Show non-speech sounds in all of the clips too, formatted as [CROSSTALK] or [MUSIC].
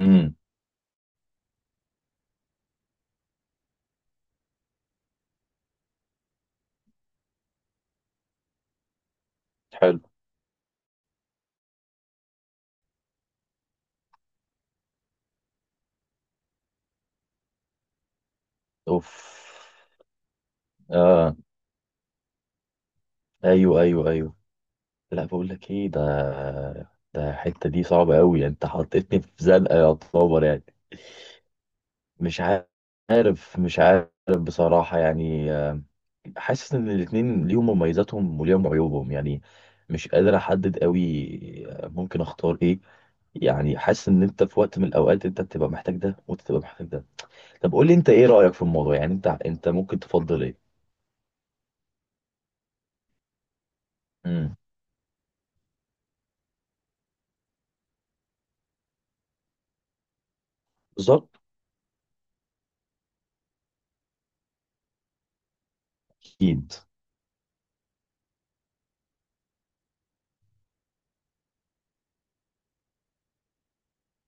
امم. حلو. اوف. اه. ايوه، ايوه، ايوه. لا، بقول لك ايه؟ ده الحته دي صعبه قوي، انت حطيتني في زنقه يا طوبر يعني. مش مش عارف بصراحه، يعني، حاسس ان الاتنين ليهم مميزاتهم وليهم عيوبهم يعني. مش قادر احدد قوي. ممكن اختار ايه؟ يعني حاسس ان انت في وقت من الاوقات انت بتبقى محتاج ده، وانت بتبقى محتاج ده. طب قول لي، انت ايه رايك في الموضوع؟ يعني انت ممكن تفضل ايه؟ امم. بالظبط. اكيد.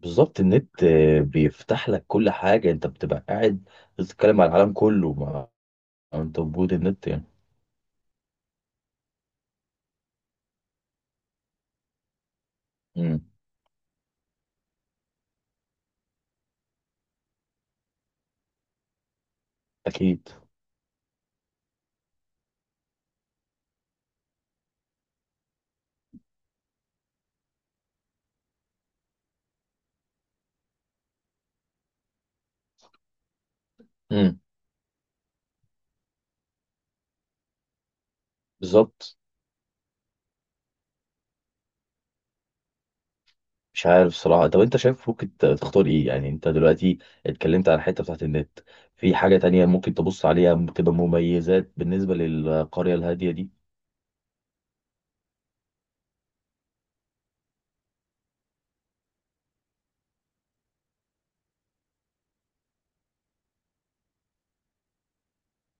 بالظبط، النت بيفتح لك كل حاجه، انت بتبقى قاعد بتتكلم على العالم كله، ما انت وجود النت يعني. امم. اكيد. امم. بالظبط. مش عارف صراحه. طب انت شايف ممكن تختار ايه؟ يعني انت دلوقتي اتكلمت على الحته بتاعت النت، في حاجه تانية ممكن تبص عليها تبقى مميزات بالنسبه للقريه الهاديه دي؟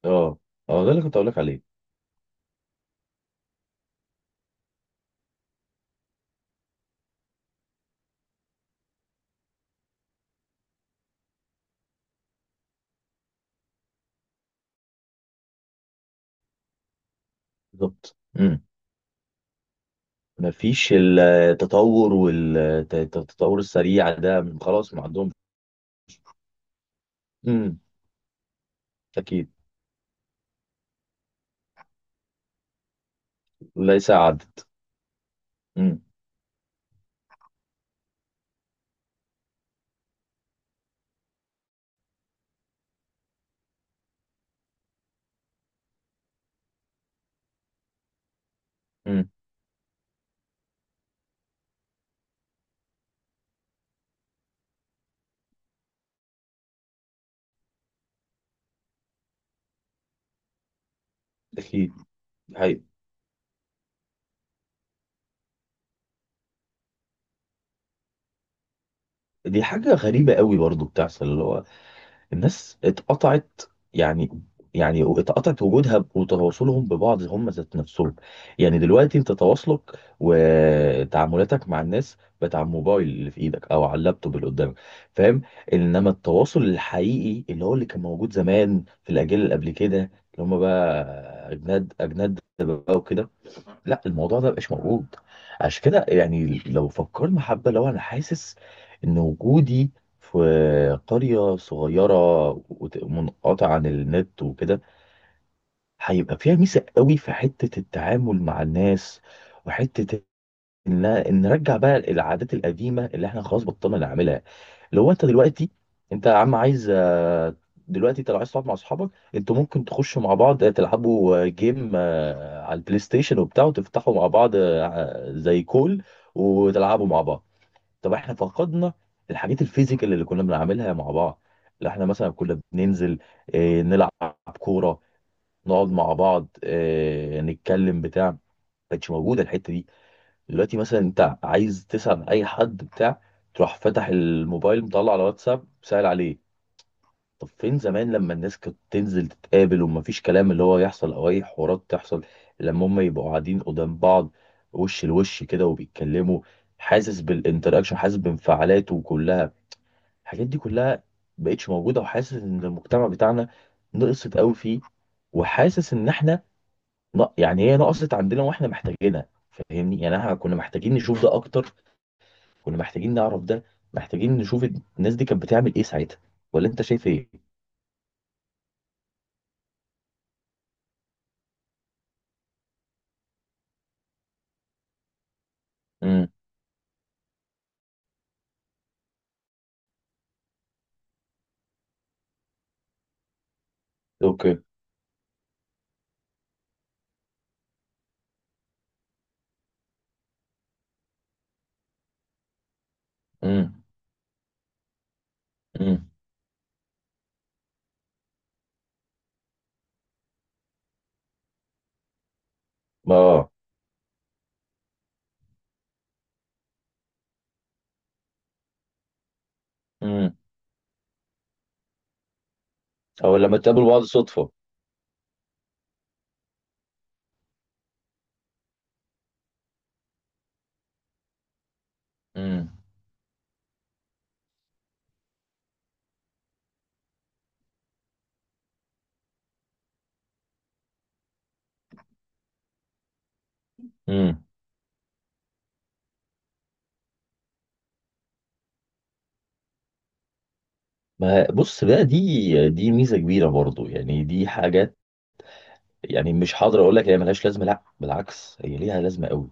اه، اه، ده اللي كنت اقول لك عليه. بالظبط. امم. مفيش التطور والتطور السريع ده، خلاص ما عندهم. امم. اكيد. ليس عدد. امم. امم. اكيد. هي. دي حاجه غريبه قوي برضو بتحصل، اللي هو الناس اتقطعت يعني. يعني اتقطعت وجودها وتواصلهم ببعض، هم ذات نفسهم. يعني دلوقتي انت تواصلك وتعاملاتك مع الناس بتاع الموبايل اللي في ايدك، او على اللابتوب اللي قدامك، فاهم؟ انما التواصل الحقيقي اللي هو اللي كان موجود زمان في الاجيال اللي قبل كده، اللي هم بقى اجناد اجناد بقى وكده، لا، الموضوع ده مبقاش موجود. عشان كده يعني، لو فكرنا حبة، لو انا حاسس ان وجودي في قرية صغيرة منقطعة عن النت وكده، هيبقى فيها ميزة قوي في حتة التعامل مع الناس، وحتة ان نرجع بقى العادات القديمة اللي احنا خلاص بطلنا نعملها. اللي هو انت دلوقتي، انت يا عم عايز، دلوقتي انت لو عايز تقعد مع اصحابك، انتوا ممكن تخشوا مع بعض، تلعبوا جيم، على البلاي ستيشن وبتاع، وتفتحوا مع بعض، زي كول، وتلعبوا مع بعض. طب احنا فقدنا الحاجات الفيزيكال اللي كنا بنعملها مع بعض، اللي احنا مثلا كنا بننزل نلعب كورة، نقعد مع بعض نتكلم بتاع، ما كانتش موجودة الحتة دي. دلوقتي مثلا انت عايز تسأل عن اي حد بتاع، تروح فتح الموبايل مطلع على واتساب سأل عليه. طب فين زمان لما الناس كانت تنزل تتقابل، ومفيش كلام اللي هو يحصل او اي حوارات تحصل لما هم يبقوا قاعدين قدام بعض وش لوش كده وبيتكلموا، حاسس بالانتراكشن، حاسس بانفعالاته كلها. الحاجات دي كلها مبقتش موجودة، وحاسس ان المجتمع بتاعنا نقصت قوي فيه، وحاسس ان احنا، يعني هي نقصت عندنا واحنا محتاجينها، فاهمني؟ يعني احنا كنا محتاجين نشوف ده اكتر، كنا محتاجين نعرف ده، محتاجين نشوف الناس دي كانت بتعمل ايه ساعتها. ولا انت شايف ايه؟ امم. اوكي. امم. امم. اه. امم. او لما تقابلوا بعض صدفة. امم. امم. ما بص بقى، دي ميزة كبيرة برضو، يعني دي حاجات. يعني مش حاضر اقول لك هي ملهاش لازمة، لا بالعكس هي ليها لازمة قوي.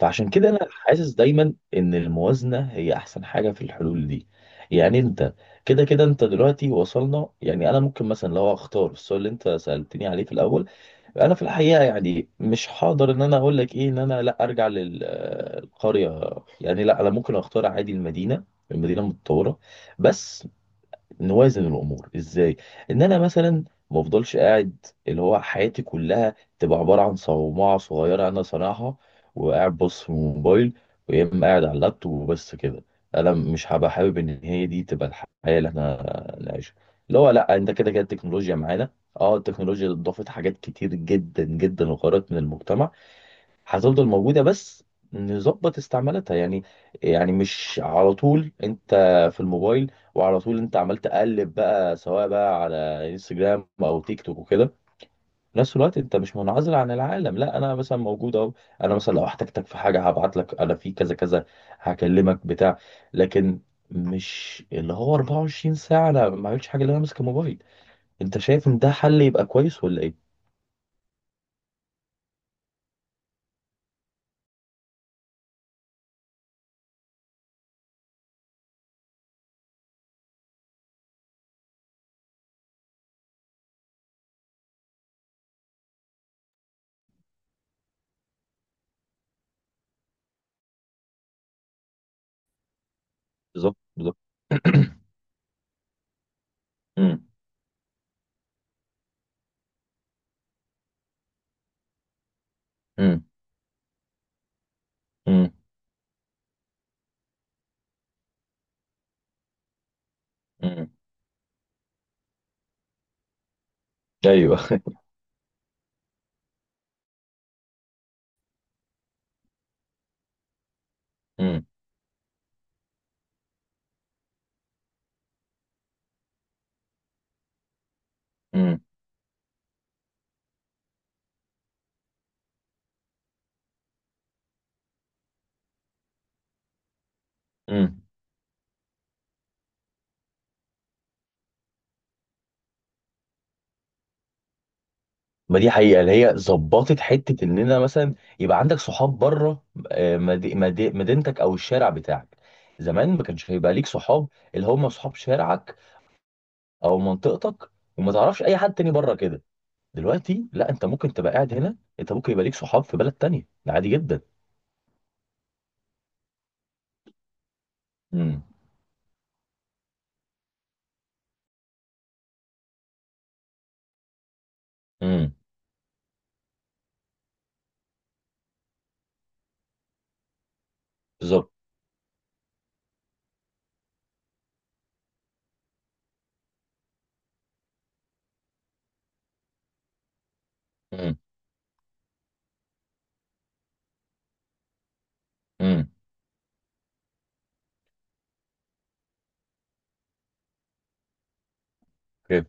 فعشان كده انا حاسس دايما ان الموازنه هي احسن حاجه في الحلول دي. يعني انت كده كده، انت دلوقتي وصلنا، يعني انا ممكن مثلا لو اختار السؤال اللي انت سالتني عليه في الاول، انا في الحقيقه يعني مش هقدر ان انا اقول لك ايه، ان انا لا ارجع للقريه. يعني لا، انا ممكن اختار عادي المدينه المتطوره، بس نوازن الامور ازاي، ان انا مثلا ما افضلش قاعد اللي هو حياتي كلها تبقى عباره عن صومعه صغيره انا صانعها، وقاعد بص في الموبايل، ويا اما قاعد على اللابتوب، وبس كده. انا مش هبقى حابب ان هي دي تبقى الحياه اللي احنا نعيشها، اللي هو لا انت كده كده التكنولوجيا معانا. اه التكنولوجيا ضافت حاجات كتير جدا جدا، وغيرت من المجتمع. هتفضل موجودة، بس نظبط استعمالاتها يعني. يعني مش على طول انت في الموبايل، وعلى طول انت عمال تقلب بقى، سواء بقى على انستجرام او تيك توك وكده. في نفس الوقت انت مش منعزل عن العالم، لا انا مثلا موجود اهو. انا مثلا لو احتجتك في حاجة هبعت لك انا في كذا كذا، هكلمك بتاع، لكن مش اللي هو 24 ساعة انا ما عملتش حاجة اللي انا ماسك الموبايل. انت شايف ان ده حل يبقى كويس ولا ايه؟ بالظبط، بالظبط. [CLEARS THROAT] مم. مم. مم. مم. ايوه. امم. امم. امم. ما دي حقيقه، اللي هي ظبطت حته ان انا مثلا يبقى عندك صحاب بره، مدينتك او الشارع بتاعك. زمان ما كانش هيبقى ليك صحاب، اللي هم صحاب شارعك او منطقتك، وما تعرفش اي حد تاني بره كده. دلوقتي لا، انت ممكن تبقى قاعد هنا، انت ممكن يبقى ليك صحاب في بلد تانية، ده عادي جدا. امم. امم. بالظبط. امم. امم. اوكي.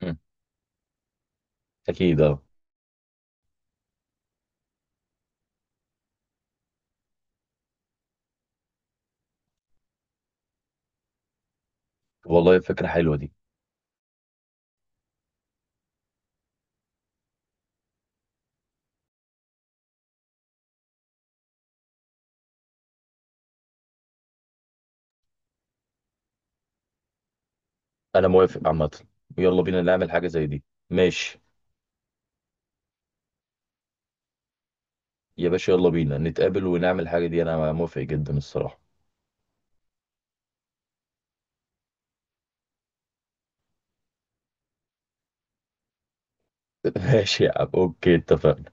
امم. اكيد. اه. والله فكره حلوه دي. انا موافق عامه. يلا بينا نعمل حاجه زي دي. ماشي. يا باشا، يلا بينا نتقابل ونعمل الحاجة دي. أنا موافق جدا الصراحة. [LAUGHS] ماشي يا عم. أوكي، اتفقنا.